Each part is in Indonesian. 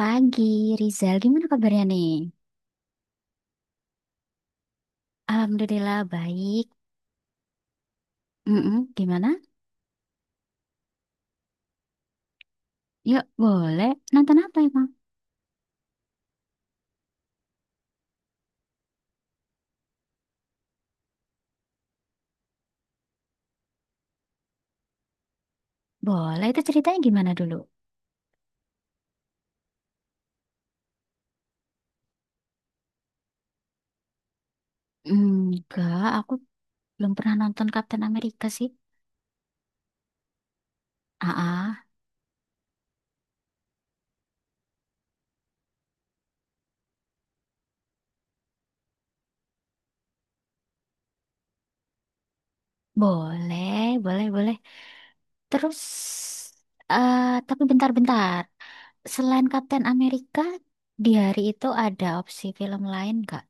Pagi, Rizal. Gimana kabarnya nih? Alhamdulillah, baik. Mm-mm, gimana? Yuk, boleh. Nonton apa emang? Boleh, itu ceritanya gimana dulu? Enggak, aku pernah nonton Captain America sih. Ah, ah. Boleh, boleh. Terus, eh tapi bentar-bentar. Selain Captain America, di hari itu ada opsi film lain nggak?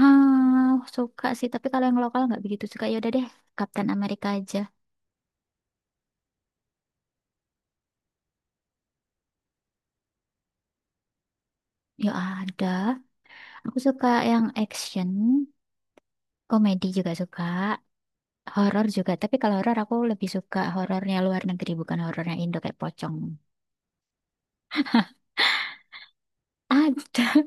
Ah, suka sih. Tapi kalau yang lokal nggak begitu suka. Yaudah deh, Captain America aja. Ya ada. Aku suka yang action, komedi juga suka, horor juga. Tapi kalau horor aku lebih suka horornya luar negeri bukan horornya Indo kayak pocong. Ada.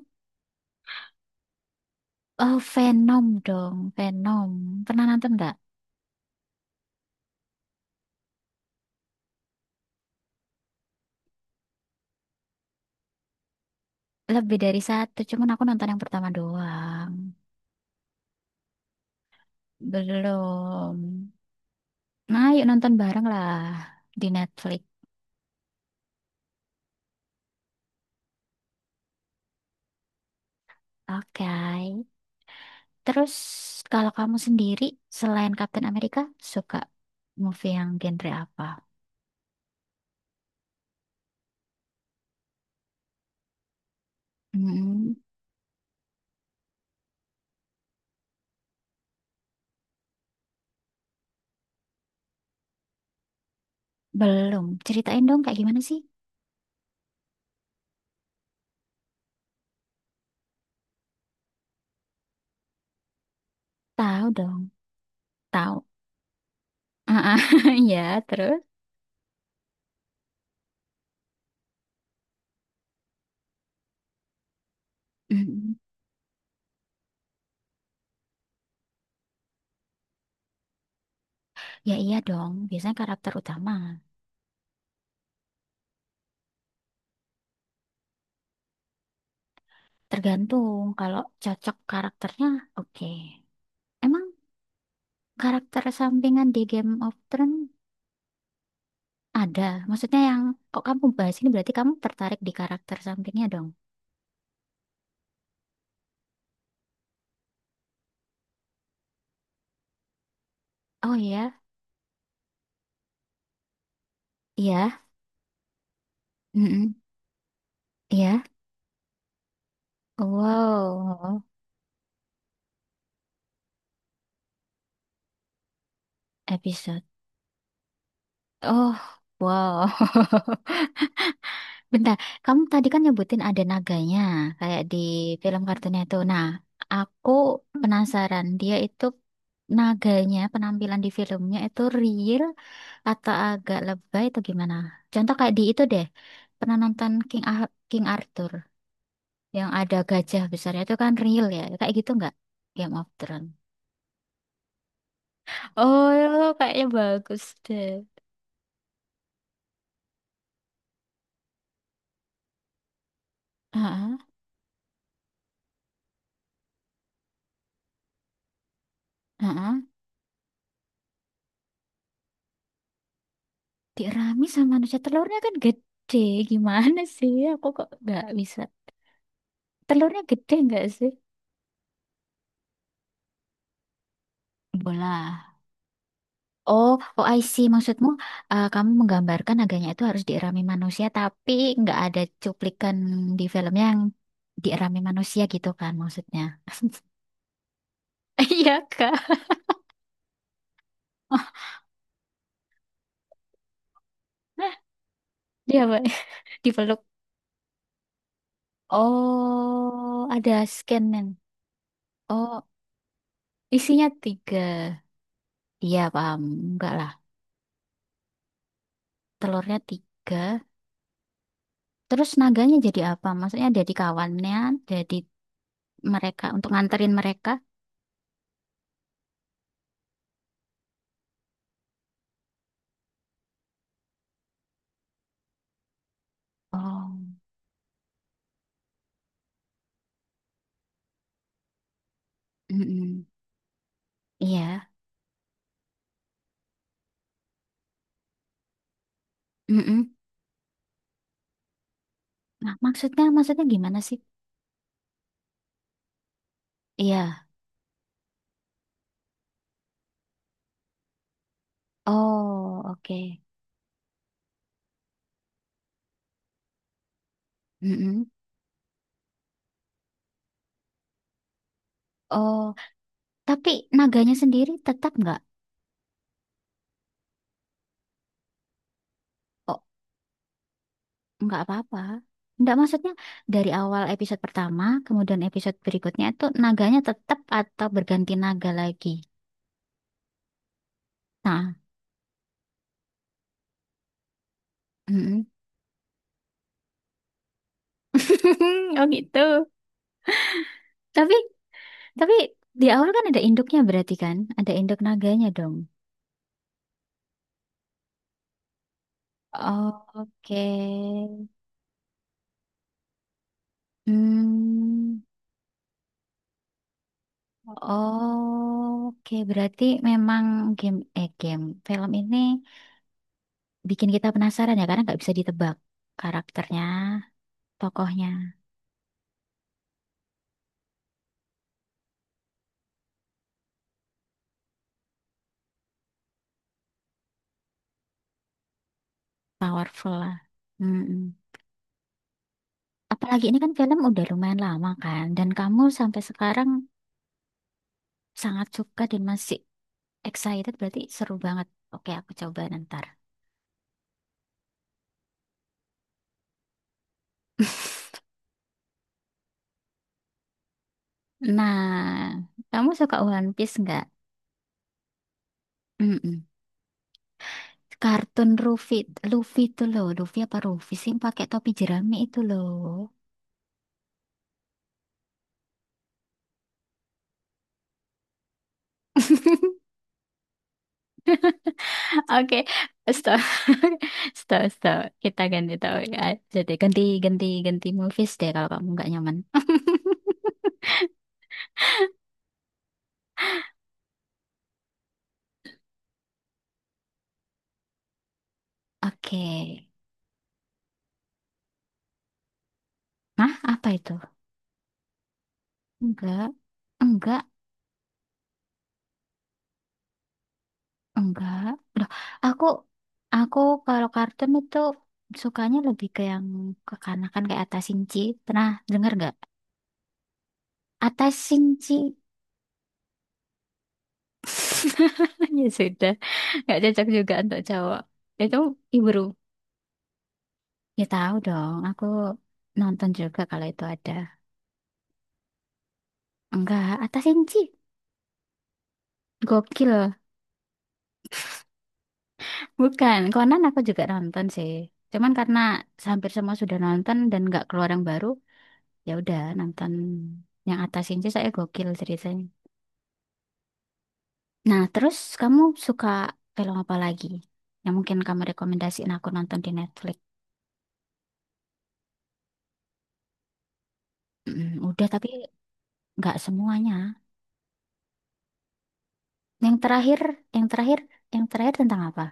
Oh, Venom dong, Venom. Pernah nonton nggak? Lebih dari satu, cuman aku nonton yang pertama doang. Belum. Nah, yuk nonton bareng lah di Netflix. Oke. Terus kalau kamu sendiri selain Captain America suka movie yang genre apa? Mm-mm. Belum. Ceritain dong kayak gimana sih? Tahu dong. Tahu. Ah, ya, terus? Mm. Ya iya dong. Biasanya karakter utama. Tergantung kalau cocok karakternya, oke. Emang karakter sampingan di Game of Thrones ada? Maksudnya yang kok kamu bahas ini berarti kamu tertarik di karakter sampingnya dong? Oh iya, iya. Mm-mm. Iya. Wow, episode. Oh, wow. Bentar, kamu tadi kan nyebutin ada naganya, kayak di film kartunnya itu. Nah, aku penasaran, dia itu naganya, penampilan di filmnya itu real atau agak lebay atau gimana? Contoh kayak di itu deh, pernah nonton King, Ah- King Arthur, yang ada gajah besarnya itu kan real ya, kayak gitu nggak? Game of Thrones. Oh, kayaknya bagus deh. Ah, ah. Tiramisu sama manusia telurnya kan gede, gimana sih? Aku kok nggak bisa. Telurnya gede nggak sih? Bola. Oh, oh I see. Maksudmu kamu menggambarkan naganya itu harus dierami manusia, tapi nggak ada cuplikan di film yang dierami manusia gitu kan maksudnya? Iya kak. Dia apa? Dipeluk. Oh, ada scan-nya. Oh, isinya tiga. Iya paham. Enggak lah. Telurnya tiga. Terus naganya jadi apa? Maksudnya jadi kawannya, jadi mereka untuk nganterin mereka. Oh, mm. Nah, maksudnya maksudnya gimana sih? Iya. Oh, mm-mm. Oh, naganya sendiri tetap nggak apa-apa. Nggak maksudnya dari awal episode pertama, kemudian episode berikutnya itu naganya tetap atau berganti naga lagi. Nah, mm-mm. Oh gitu. Tapi tapi di awal kan ada induknya berarti kan? Ada induk naganya dong. Oke. Hmm. Oke, berarti memang game game film ini bikin kita penasaran ya karena nggak bisa ditebak karakternya, tokohnya, powerful lah. Mm-mm. Apalagi ini kan film udah lumayan lama kan, dan kamu sampai sekarang sangat suka dan masih excited berarti seru banget. Oke, aku coba ntar. Nah, kamu suka One Piece nggak? Mm-mm. Kartun Luffy, Luffy itu loh, Luffy apa Luffy sih yang pakai topi jerami itu loh. Oke, stop. Stop, stop. Kita ganti topik aja deh. Ganti, ganti, ganti movies deh kalau kamu nggak nyaman. Oke. Nah, apa itu? Enggak, enggak, enggak. Loh, aku, aku kalau kartun itu sukanya lebih ke yang kekanakan kayak Atas Shinchi. Pernah dengar nggak? Atas Shinchi. Ya sudah, nggak cocok juga untuk cowok. Itu ibu, ya tahu dong. Aku nonton juga kalau itu ada. Enggak, Atta Shinchi. Gokil. Bukan, Conan aku juga nonton sih. Cuman karena hampir semua sudah nonton dan nggak keluar yang baru, ya udah nonton yang Atta Shinchi saya gokil ceritanya. Nah, terus kamu suka film apa lagi? Yang mungkin kamu rekomendasiin aku nonton di Netflix. Mm, udah tapi semuanya. Yang terakhir, yang terakhir, yang terakhir tentang apa?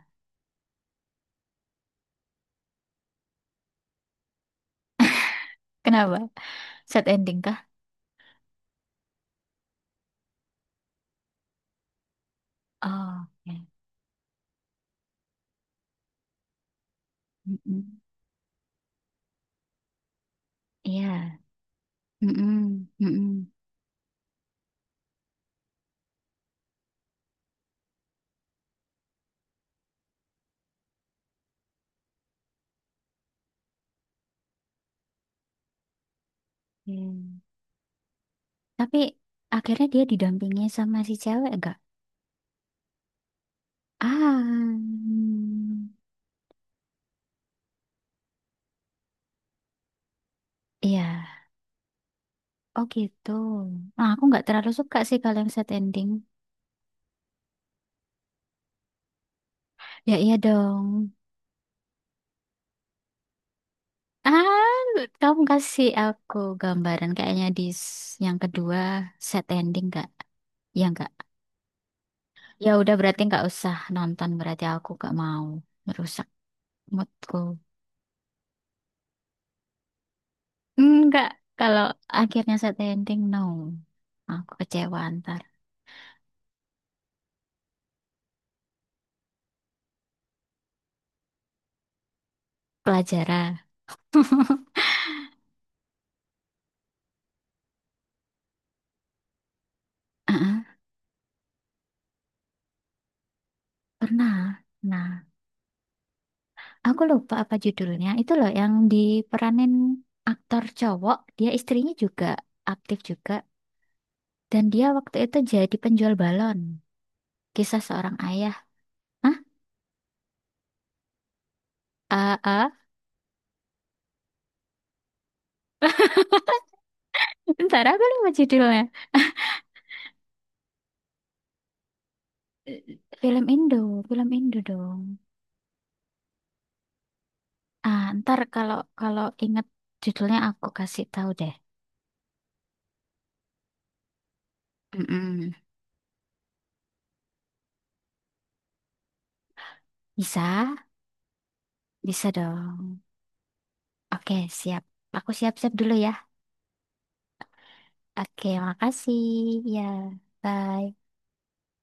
Kenapa? Sad ending kah? Oh, ya. Mm, iya. Mm-mm, mm-mm. Iya. Tapi akhirnya dia didampingi sama si cewek enggak? Ah, hmm, iya. Oh gitu. Nah, aku nggak terlalu suka sih kalau yang set ending. Ya iya dong. Ah, kamu kasih aku gambaran kayaknya di s- yang kedua set ending nggak? Ya nggak. Ya udah berarti nggak usah nonton berarti aku nggak mau merusak moodku. Enggak. Kalau akhirnya set ending no. Aku kecewa ntar. Pelajaran. Pernah. Nah, aku lupa apa judulnya. Itu loh yang diperanin aktor cowok. Dia istrinya juga aktif juga. Dan dia waktu itu jadi penjual balon. Kisah seorang ayah. Hah? Ah, ah. Ntar aku lupa judulnya. Film Indo. Film Indo dong. Ah, kalau inget judulnya aku kasih tahu deh. Mm, Bisa? Bisa dong. Oke, siap. Aku siap-siap dulu ya. Oke, makasih. Ya, bye.